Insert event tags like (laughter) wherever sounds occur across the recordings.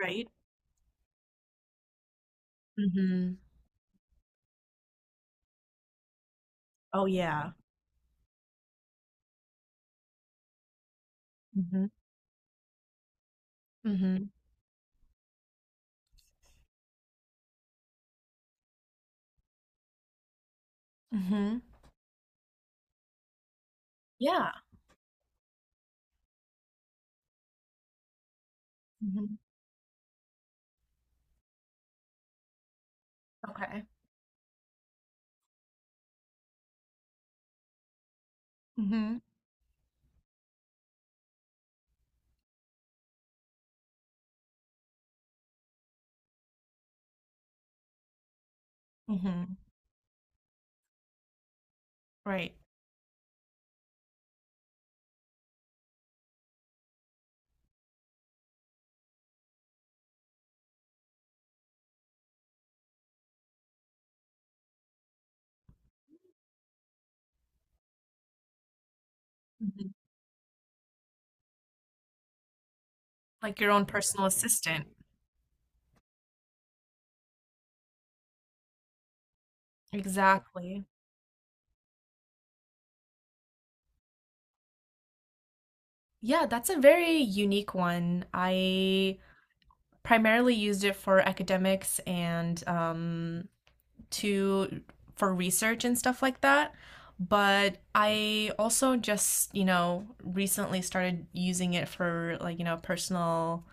Right? Mhm. Oh, yeah. Mhm. Mhm. Mhm. Yeah. Mhm. Okay. Mhm. Mhm. Right. Mhm. Like your own personal assistant. Exactly. Yeah, that's a very unique one. I primarily used it for academics and to for research and stuff like that. But I also just, you know, recently started using it for like, you know, personal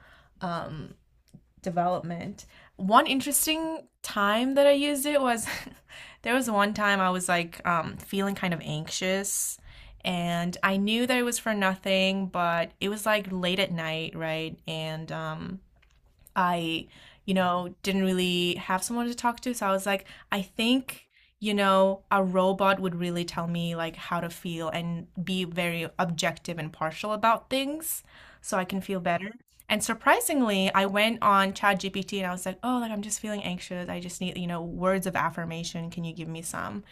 um, development. One interesting time that I used it was (laughs) there was one time I was like feeling kind of anxious, and I knew that it was for nothing, but it was like late at night, right? And I, you know, didn't really have someone to talk to. So I was like, I think, you know, a robot would really tell me like how to feel and be very objective and partial about things so I can feel better. And surprisingly, I went on ChatGPT and I was like, oh, like I'm just feeling anxious. I just need, you know, words of affirmation. Can you give me some?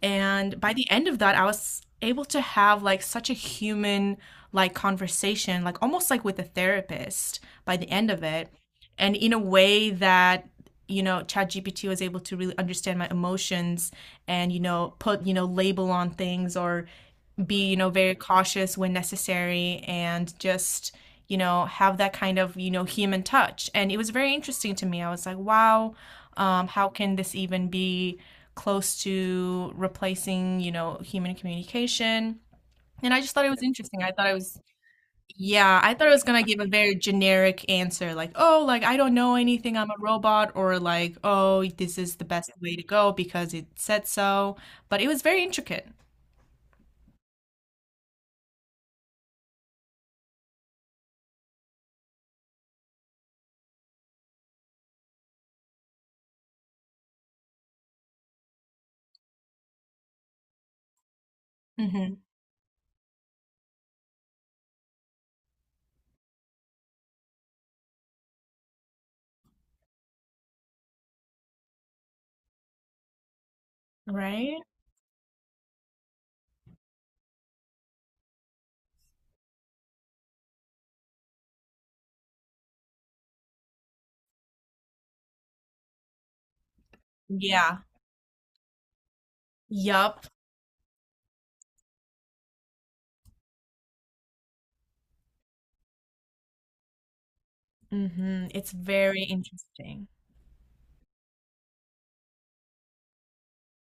And by the end of that, I was able to have like such a human like conversation, like almost like with a therapist by the end of it, and in a way that you know ChatGPT was able to really understand my emotions, and you know put you know label on things or be you know very cautious when necessary, and just you know have that kind of you know human touch. And it was very interesting to me. I was like, wow, how can this even be close to replacing you know human communication? And I just thought it was interesting. I thought it was, yeah, I thought it was gonna give a very generic answer, like, oh, like I don't know anything, I'm a robot, or like, oh, this is the best way to go because it said so. But it was very intricate. Hmm. Right? Yeah. Yup. Hmm. It's very interesting.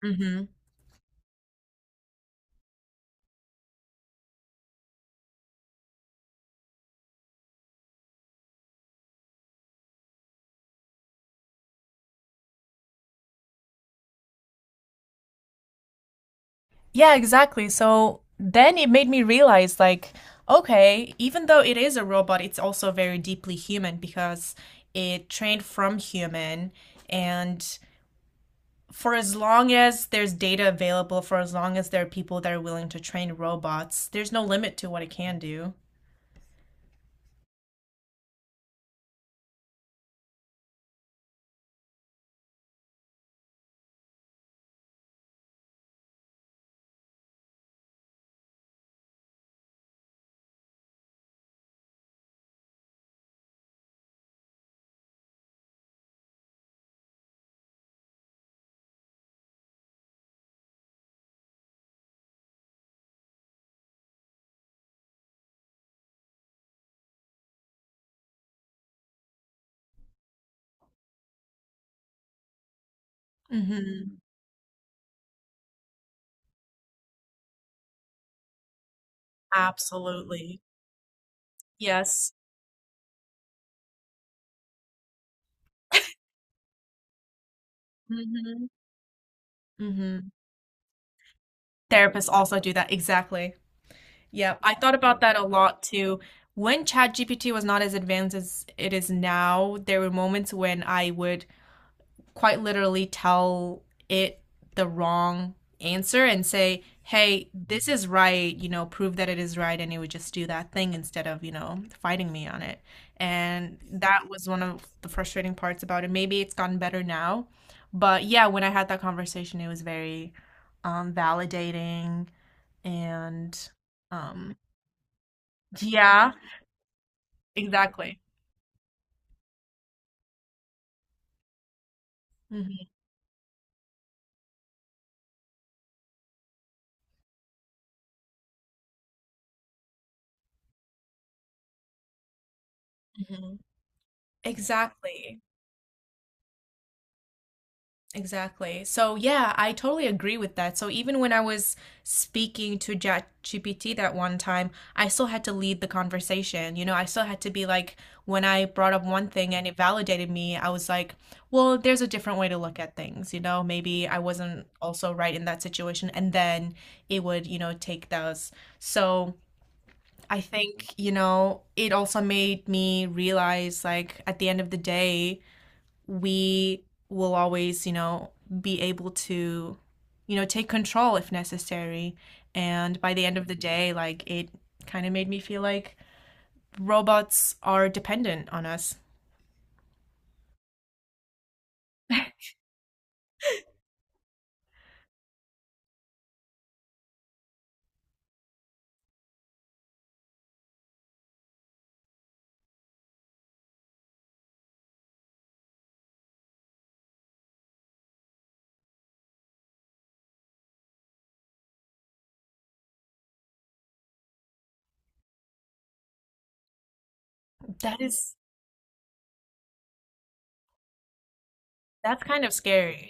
Hmm. Yeah, exactly. So then it made me realize, like, okay, even though it is a robot, it's also very deeply human because it trained from human and for as long as there's data available, for as long as there are people that are willing to train robots, there's no limit to what it can do. Mhm. Absolutely. Yes. Mhm. Mhm. Therapists also do that. Exactly. Yeah, I thought about that a lot too. When ChatGPT was not as advanced as it is now, there were moments when I would quite literally tell it the wrong answer and say, hey, this is right, you know, prove that it is right, and it would just do that thing instead of, you know, fighting me on it. And that was one of the frustrating parts about it. Maybe it's gotten better now, but yeah, when I had that conversation, it was very validating and um, yeah, exactly. Mhm. Mhm. Exactly. Exactly. So yeah, I totally agree with that. So even when I was speaking to ChatGPT that one time, I still had to lead the conversation. You know, I still had to be like, when I brought up one thing and it validated me, I was like, well, there's a different way to look at things. You know, maybe I wasn't also right in that situation. And then it would, you know, take those. So I think, you know, it also made me realize like at the end of the day, we will always, you know, be able to, you know, take control if necessary. And by the end of the day, like it kind of made me feel like robots are dependent on us. That is, that's kind of scary.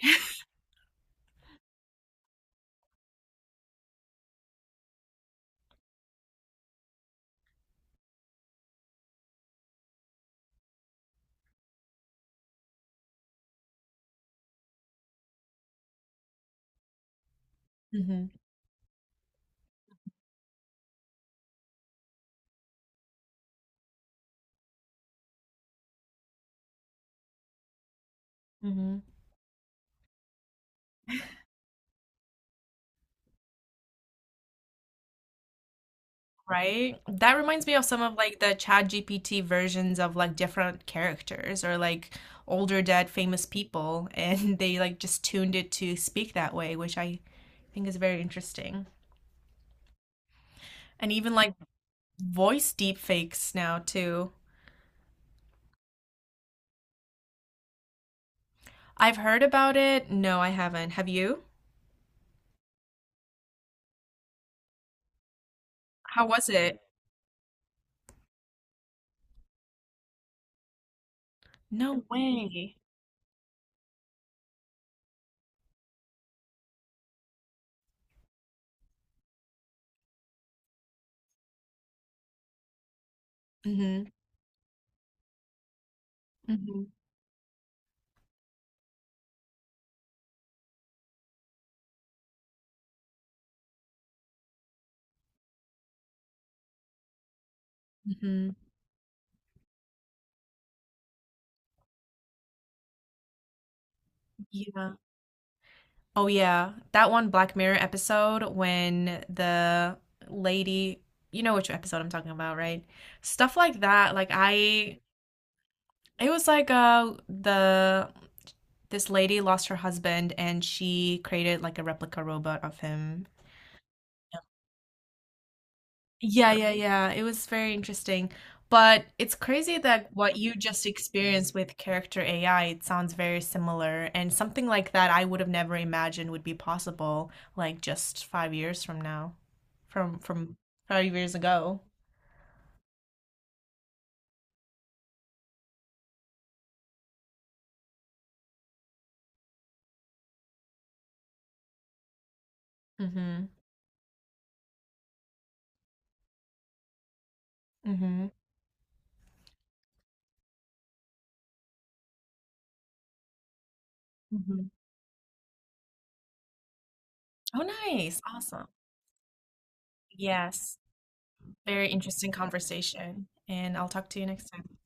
(laughs) Hmm. Hmm. Right? That reminds me of some of like the ChatGPT versions of like different characters or like older dead famous people, and (laughs) they like just tuned it to speak that way, which I think is very interesting. And even like voice deepfakes now too. I've heard about it. No, I haven't. Have you? How was it? No way. Hmm. Hmm. Hmm. Yeah. Oh yeah. That one Black Mirror episode when the lady, you know which episode I'm talking about, right? Stuff like that. Like I it was like the this lady lost her husband and she created like a replica robot of him. Yeah, yeah, yeah. It was very interesting. But it's crazy that what you just experienced with Character AI, it sounds very similar. And something like that I would have never imagined would be possible, like just 5 years from now, from 5 years ago. Mm-hmm. Mm-hmm. Mm-hmm. Oh, nice. Awesome. Yes. Very interesting conversation. And I'll talk to you next time.